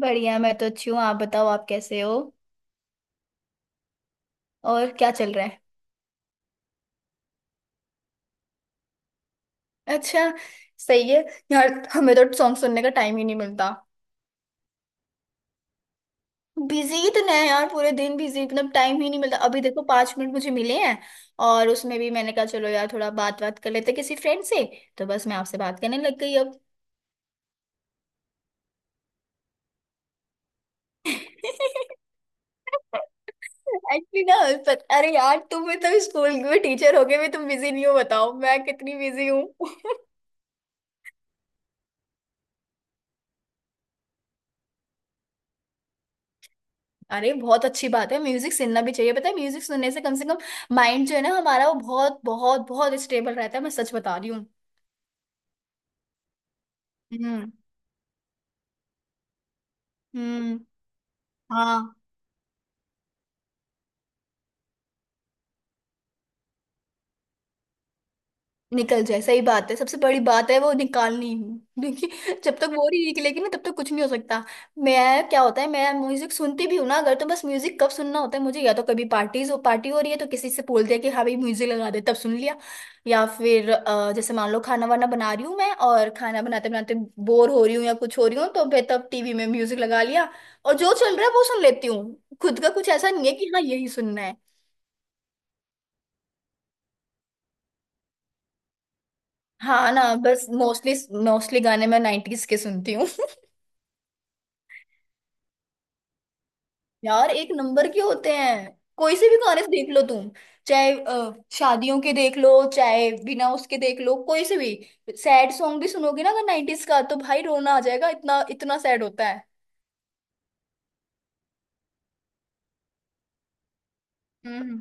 बढ़िया। मैं तो अच्छी हूँ, आप बताओ, आप कैसे हो? और क्या चल रहा है? अच्छा। सही है। यार हमें तो सॉन्ग सुनने का टाइम ही नहीं मिलता। बिजी इतने हैं यार, पूरे दिन बिजी, मतलब टाइम ही नहीं मिलता। अभी देखो, पांच मिनट मुझे मिले हैं और उसमें भी मैंने कहा चलो यार, थोड़ा बात बात कर लेते हैं किसी फ्रेंड से। तो बस मैं आपसे बात करने लग गई अब। एक्चुअली ना। पर, अरे यार तुम भी तो स्कूल में टीचर हो, गए भी तुम बिजी नहीं हो, बताओ मैं कितनी बिजी हूँ। अरे बहुत अच्छी बात है, म्यूजिक सुनना भी चाहिए। पता है म्यूजिक सुनने से कम माइंड जो है ना हमारा, वो बहुत बहुत बहुत स्टेबल रहता है। मैं सच बता रही हूँ। हम्म। हम्म। हाँ। निकल जाए, सही बात है, सबसे बड़ी बात है वो निकालनी, क्योंकि जब तक वो नहीं निकलेगी ना तब तक कुछ नहीं हो सकता। मैं क्या होता है, मैं म्यूजिक सुनती भी हूँ ना अगर, तो बस म्यूजिक कब सुनना होता है मुझे, या तो कभी पार्टीज हो, पार्टी हो रही है तो किसी से बोल दिया कि हाँ भाई म्यूजिक लगा दे, तब सुन लिया। या फिर जैसे मान लो खाना वाना बना रही हूँ मैं, और खाना बनाते बनाते बोर हो रही हूँ या कुछ हो रही हूँ, तो मैं तब टीवी में म्यूजिक लगा लिया और जो चल रहा है वो सुन लेती हूँ। खुद का कुछ ऐसा नहीं है कि हाँ यही सुनना है। हाँ ना, बस मोस्टली, मोस्टली गाने मैं नाइन्टीज के सुनती हूँ। यार एक नंबर के होते हैं, कोई से भी गाने देख लो तुम, चाहे शादियों के देख लो चाहे बिना उसके देख लो, कोई से भी। सैड सॉन्ग भी सुनोगे ना अगर 90s का, तो भाई रोना आ जाएगा, इतना इतना सैड होता है। हम्म।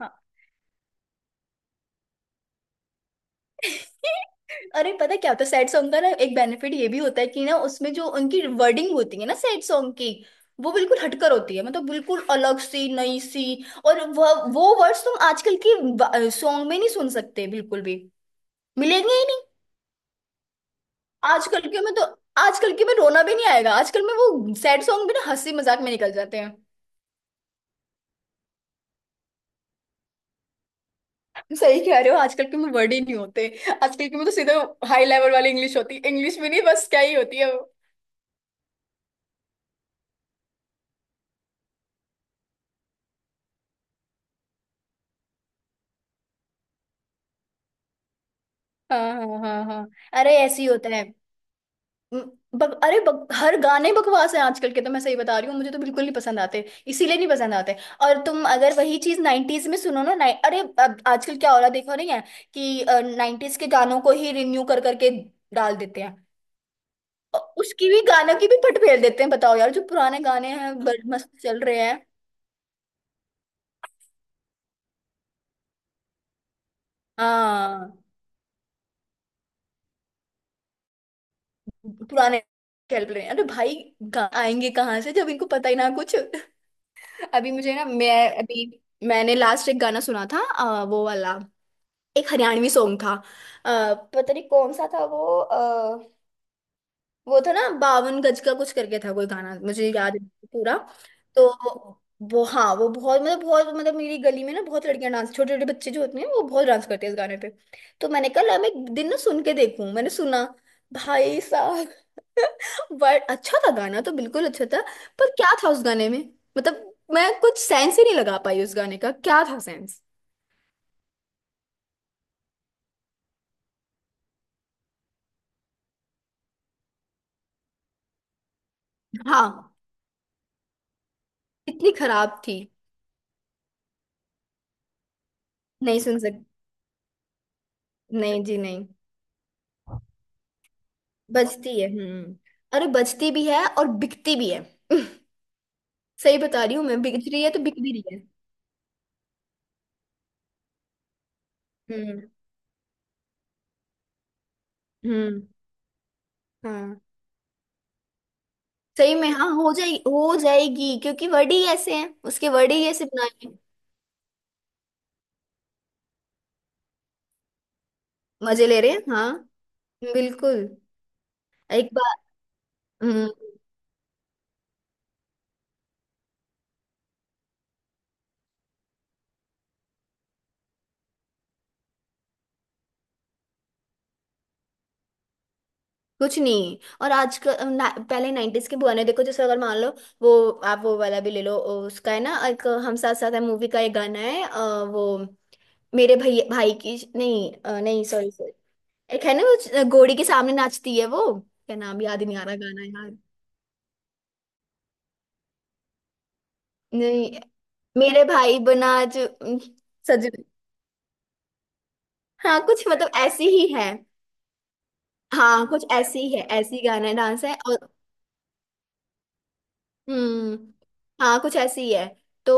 हाँ। अरे पता क्या होता है सैड सॉन्ग का ना, एक बेनिफिट ये भी होता है कि ना उसमें जो उनकी वर्डिंग होती है ना सैड सॉन्ग की, वो बिल्कुल हटकर होती है, मतलब बिल्कुल अलग सी नई सी। और वह वो वर्ड्स तुम आजकल की सॉन्ग में नहीं सुन सकते बिल्कुल भी, मिलेंगे ही नहीं। आजकल के में तो आजकल के में रोना भी नहीं आएगा, आजकल में वो सैड सॉन्ग भी ना हंसी मजाक में निकल जाते हैं। सही कह रहे हो, आजकल के में वर्ड ही नहीं होते। आजकल के में तो सीधे हाई लेवल वाली इंग्लिश होती है, इंग्लिश भी नहीं, बस क्या ही होती है वो। हाँ हाँ हाँ हाँ। अरे ऐसे ही होता है। म- हर गाने बकवास है आजकल के तो, मैं सही बता रही हूँ, मुझे तो बिल्कुल नहीं पसंद आते, इसीलिए नहीं पसंद आते। और तुम अगर वही चीज नाइन्टीज में सुनो ना, नाइ अरे अब आजकल क्या हो रहा है देखो, नहीं है कि नाइन्टीज के गानों को ही रिन्यू कर करके डाल देते हैं? उसकी भी, गानों की भी फट फेर देते हैं, बताओ यार, जो पुराने गाने हैं बड़े मस्त चल रहे हैं। हाँ पुराने चल रहे हैं। अरे भाई आएंगे कहाँ से जब इनको पता ही ना कुछ। अभी मुझे ना मैं अभी मैंने लास्ट एक गाना सुना था, वो वाला, एक हरियाणवी सॉन्ग था, पता नहीं कौन सा था वो। वो था ना, बावन गज का कुछ करके था कोई गाना, मुझे याद है पूरा। तो वो हाँ वो बहुत मतलब बहुत, मतलब मेरी गली में ना बहुत लड़कियां डांस, छोटे छोटे बच्चे जो होते हैं वो बहुत डांस करते हैं इस गाने पे। तो मैंने कहा "ला, मैं एक दिन ना सुन के देखूं", मैंने सुना भाई साहब, बट अच्छा था गाना, तो बिल्कुल अच्छा था। पर क्या था उस गाने में, मतलब मैं कुछ सेंस ही नहीं लगा पाई, उस गाने का क्या था सेंस। हाँ इतनी खराब थी। नहीं सुन सक नहीं जी नहीं। बचती है। हम्म। अरे बचती भी है और बिकती भी है। सही बता रही हूँ मैं, बिक रही है तो बिक भी रही है। हम्म। हम्म। हाँ सही में, हाँ हो जाएगी, हो जाएगी, क्योंकि वर्ड ही ऐसे हैं, उसके वर्ड ही ऐसे बनाए हैं। मजे ले रहे हैं, हाँ बिल्कुल। एक बार। हम्म। कुछ नहीं। और आज का ना, पहले नाइन्टीज के पुराने देखो, जैसे अगर मान लो वो, आप वो वाला भी ले लो, ओ, उसका है ना, एक हम साथ साथ है मूवी का एक गाना है, वो मेरे भैया भाई की, नहीं नहीं सॉरी, एक है ना वो घोड़ी के सामने नाचती है वो, क्या नाम याद ही नहीं आ रहा गाना यार। नहीं, मेरे भाई बना जो, सज, हाँ कुछ मतलब ऐसी ही है। हाँ कुछ ऐसी ही है, ऐसी गाना है, डांस है और। हम्म। हाँ कुछ ऐसी ही है। तो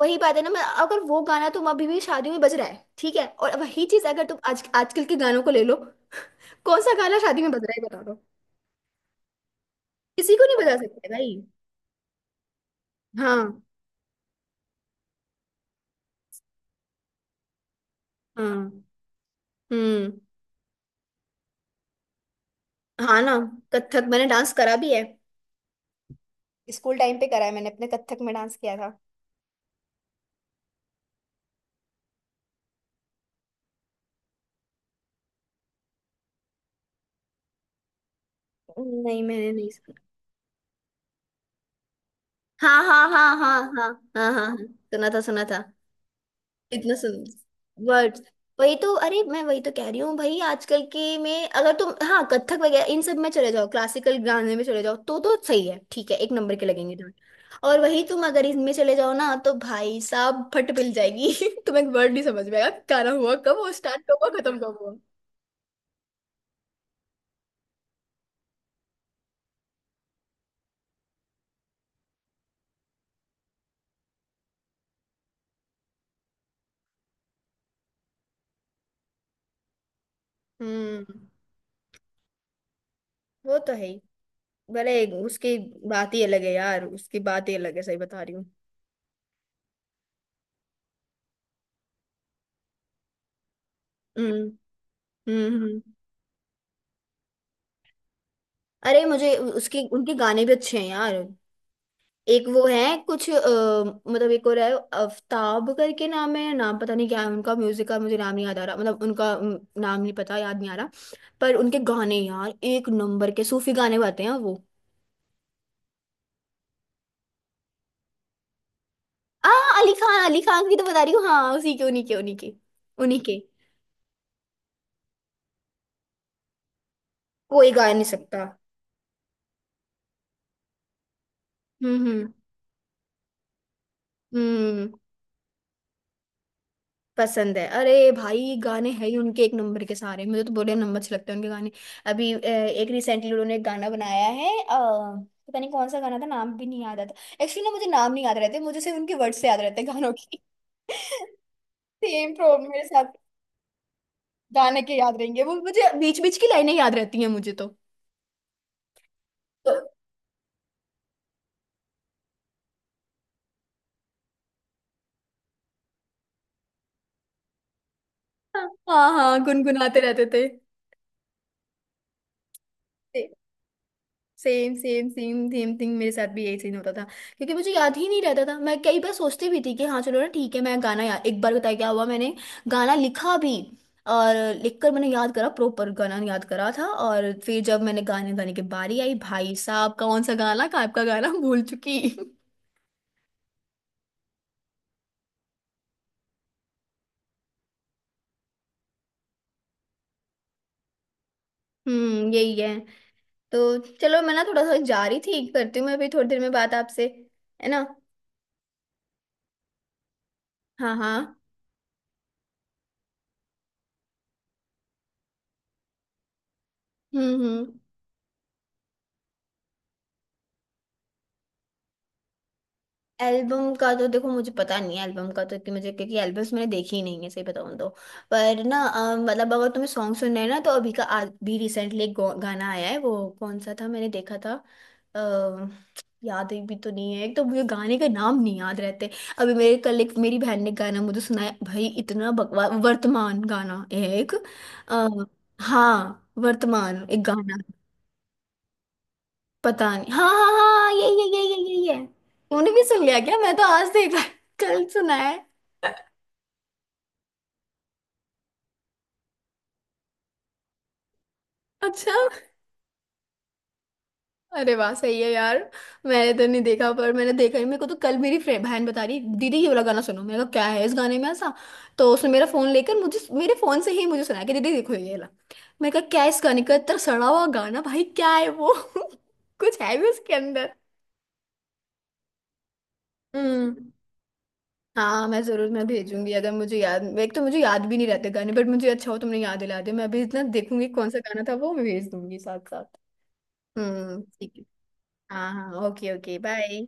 वही बात है ना, मैं अगर, वो गाना तुम अभी भी शादी में बज रहा है, ठीक है, और वही चीज अगर तुम आज आजकल के गानों को ले लो, कौन सा गाना शादी में बज रहा है बता दो। किसी को नहीं बजा सकते भाई। हाँ। हाँ। हम्म। हाँ ना, कथक मैंने डांस करा भी है, स्कूल टाइम पे करा है, मैंने अपने कथक में डांस किया था। नहीं मैंने नहीं सुना। हाँ हाँ हाँ हाँ हाँ। हाँ हाँ हाँ सुना था, सुना था। इतना सुन, वर्ड्स, वही तो, अरे मैं वही तो कह रही हूँ भाई, आजकल के में अगर तुम, हाँ कथक वगैरह इन सब में चले जाओ, क्लासिकल गाने में चले जाओ, तो सही है, ठीक है, एक नंबर के लगेंगे डांस। और वही तुम अगर इनमें चले जाओ ना, तो भाई साहब फट मिल जाएगी तुम्हें एक वर्ड नहीं समझ में आएगा, गाना हुआ कब, वो स्टार्ट कब हुआ, खत्म कब हुआ। हम्म। वो तो है ही, भले उसकी बात ही अलग है यार, उसकी बात ही अलग है, सही बता रही हूँ। हम्म। हम्म। हम्म। अरे मुझे उसके उनके गाने भी अच्छे हैं यार। एक वो है कुछ, मतलब एक और है आफ्ताब करके नाम है, नाम पता नहीं क्या है, उनका म्यूजिक का मुझे नाम नहीं याद आ रहा, मतलब उनका नाम नहीं पता, याद नहीं आ रहा। पर उनके गाने यार एक नंबर के सूफी गाने गाते हैं वो। आ अली खान, अली खान की तो बता रही हूँ, हाँ उसी के, उन्हीं के। कोई गा नहीं सकता। हम्म। हम्म। हम्म। पसंद है, अरे भाई गाने हैं ही उनके एक नंबर के सारे, मुझे तो बड़े नंबर अच्छे लगते हैं उनके गाने। अभी एक रिसेंटली उन्होंने एक गाना बनाया है, पता नहीं कौन सा गाना था, नाम भी नहीं याद आता एक्चुअली ना, मुझे नाम नहीं याद रहते, मुझे सिर्फ उनके वर्ड से याद रहते हैं गानों की। सेम प्रॉब्लम मेरे साथ। गाने के याद रहेंगे वो, मुझे बीच बीच की लाइनें याद रहती हैं मुझे तो। तो- हाँ हाँ गुनगुनाते रहते थे। Same same same same thing मेरे साथ भी, यही सीन होता था क्योंकि मुझे याद ही नहीं रहता था। मैं कई बार सोचती भी थी कि हाँ चलो ना ठीक है मैं गाना, या एक बार बताया क्या हुआ मैंने, गाना लिखा भी और लिखकर मैंने याद करा, प्रॉपर गाना याद करा था, और फिर जब मैंने गाने, गाने की बारी आई, भाई साहब कौन सा गाना, का आपका गाना भूल चुकी। हम्म। यही है। तो चलो मैं ना थोड़ा सा जा रही थी, करती हूँ मैं, अभी थोड़ी देर में बात आपसे। है ना। हाँ। हाँ। हम्म। हम्म। एल्बम का तो देखो, मुझे पता नहीं है एल्बम का तो, कि मुझे, क्योंकि एल्बम्स मैंने देखी ही नहीं है सही बताऊं तो। पर ना मतलब अगर तुम्हें सॉन्ग सुनना है ना, तो अभी का, आज भी रिसेंटली एक गाना आया है, वो कौन सा था मैंने देखा था, अ, याद भी तो नहीं है, एक तो मुझे गाने के नाम नहीं याद रहते। अभी मेरे कल, एक मेरी बहन ने गाना मुझे सुनाया, भाई इतना बकवास वर्तमान गाना एक, अ, हाँ वर्तमान एक गाना। पता नहीं, हाँ हाँ हाँ ये ये। तूने भी सुन लिया क्या, मैं तो आज देखा, कल सुना है। अच्छा। अरे वाह सही है यार। मैंने तो नहीं देखा, पर मैंने देखा ही मेरे को तो, कल मेरी फ्रेंड बहन बता रही, दीदी ये वाला गाना सुनो, मैंने कहा क्या है इस गाने में ऐसा, तो उसने मेरा फोन लेकर मुझे, मेरे फोन से ही मुझे सुनाया कि दीदी देखो ये वाला, मैंने कहा क्या है इस गाने का, इतना सड़ा हुआ गाना भाई, क्या है वो कुछ है भी उसके अंदर? हम्म। हाँ मैं जरूर, मैं भेजूंगी, अगर मुझे याद, एक तो मुझे याद भी नहीं रहते गाने, बट मुझे अच्छा हो, तुमने याद दिला दिया, मैं अभी इतना देखूंगी कौन सा गाना था वो, मैं भेज दूंगी साथ साथ। ठीक है। हाँ हाँ, ओके ओके, बाय।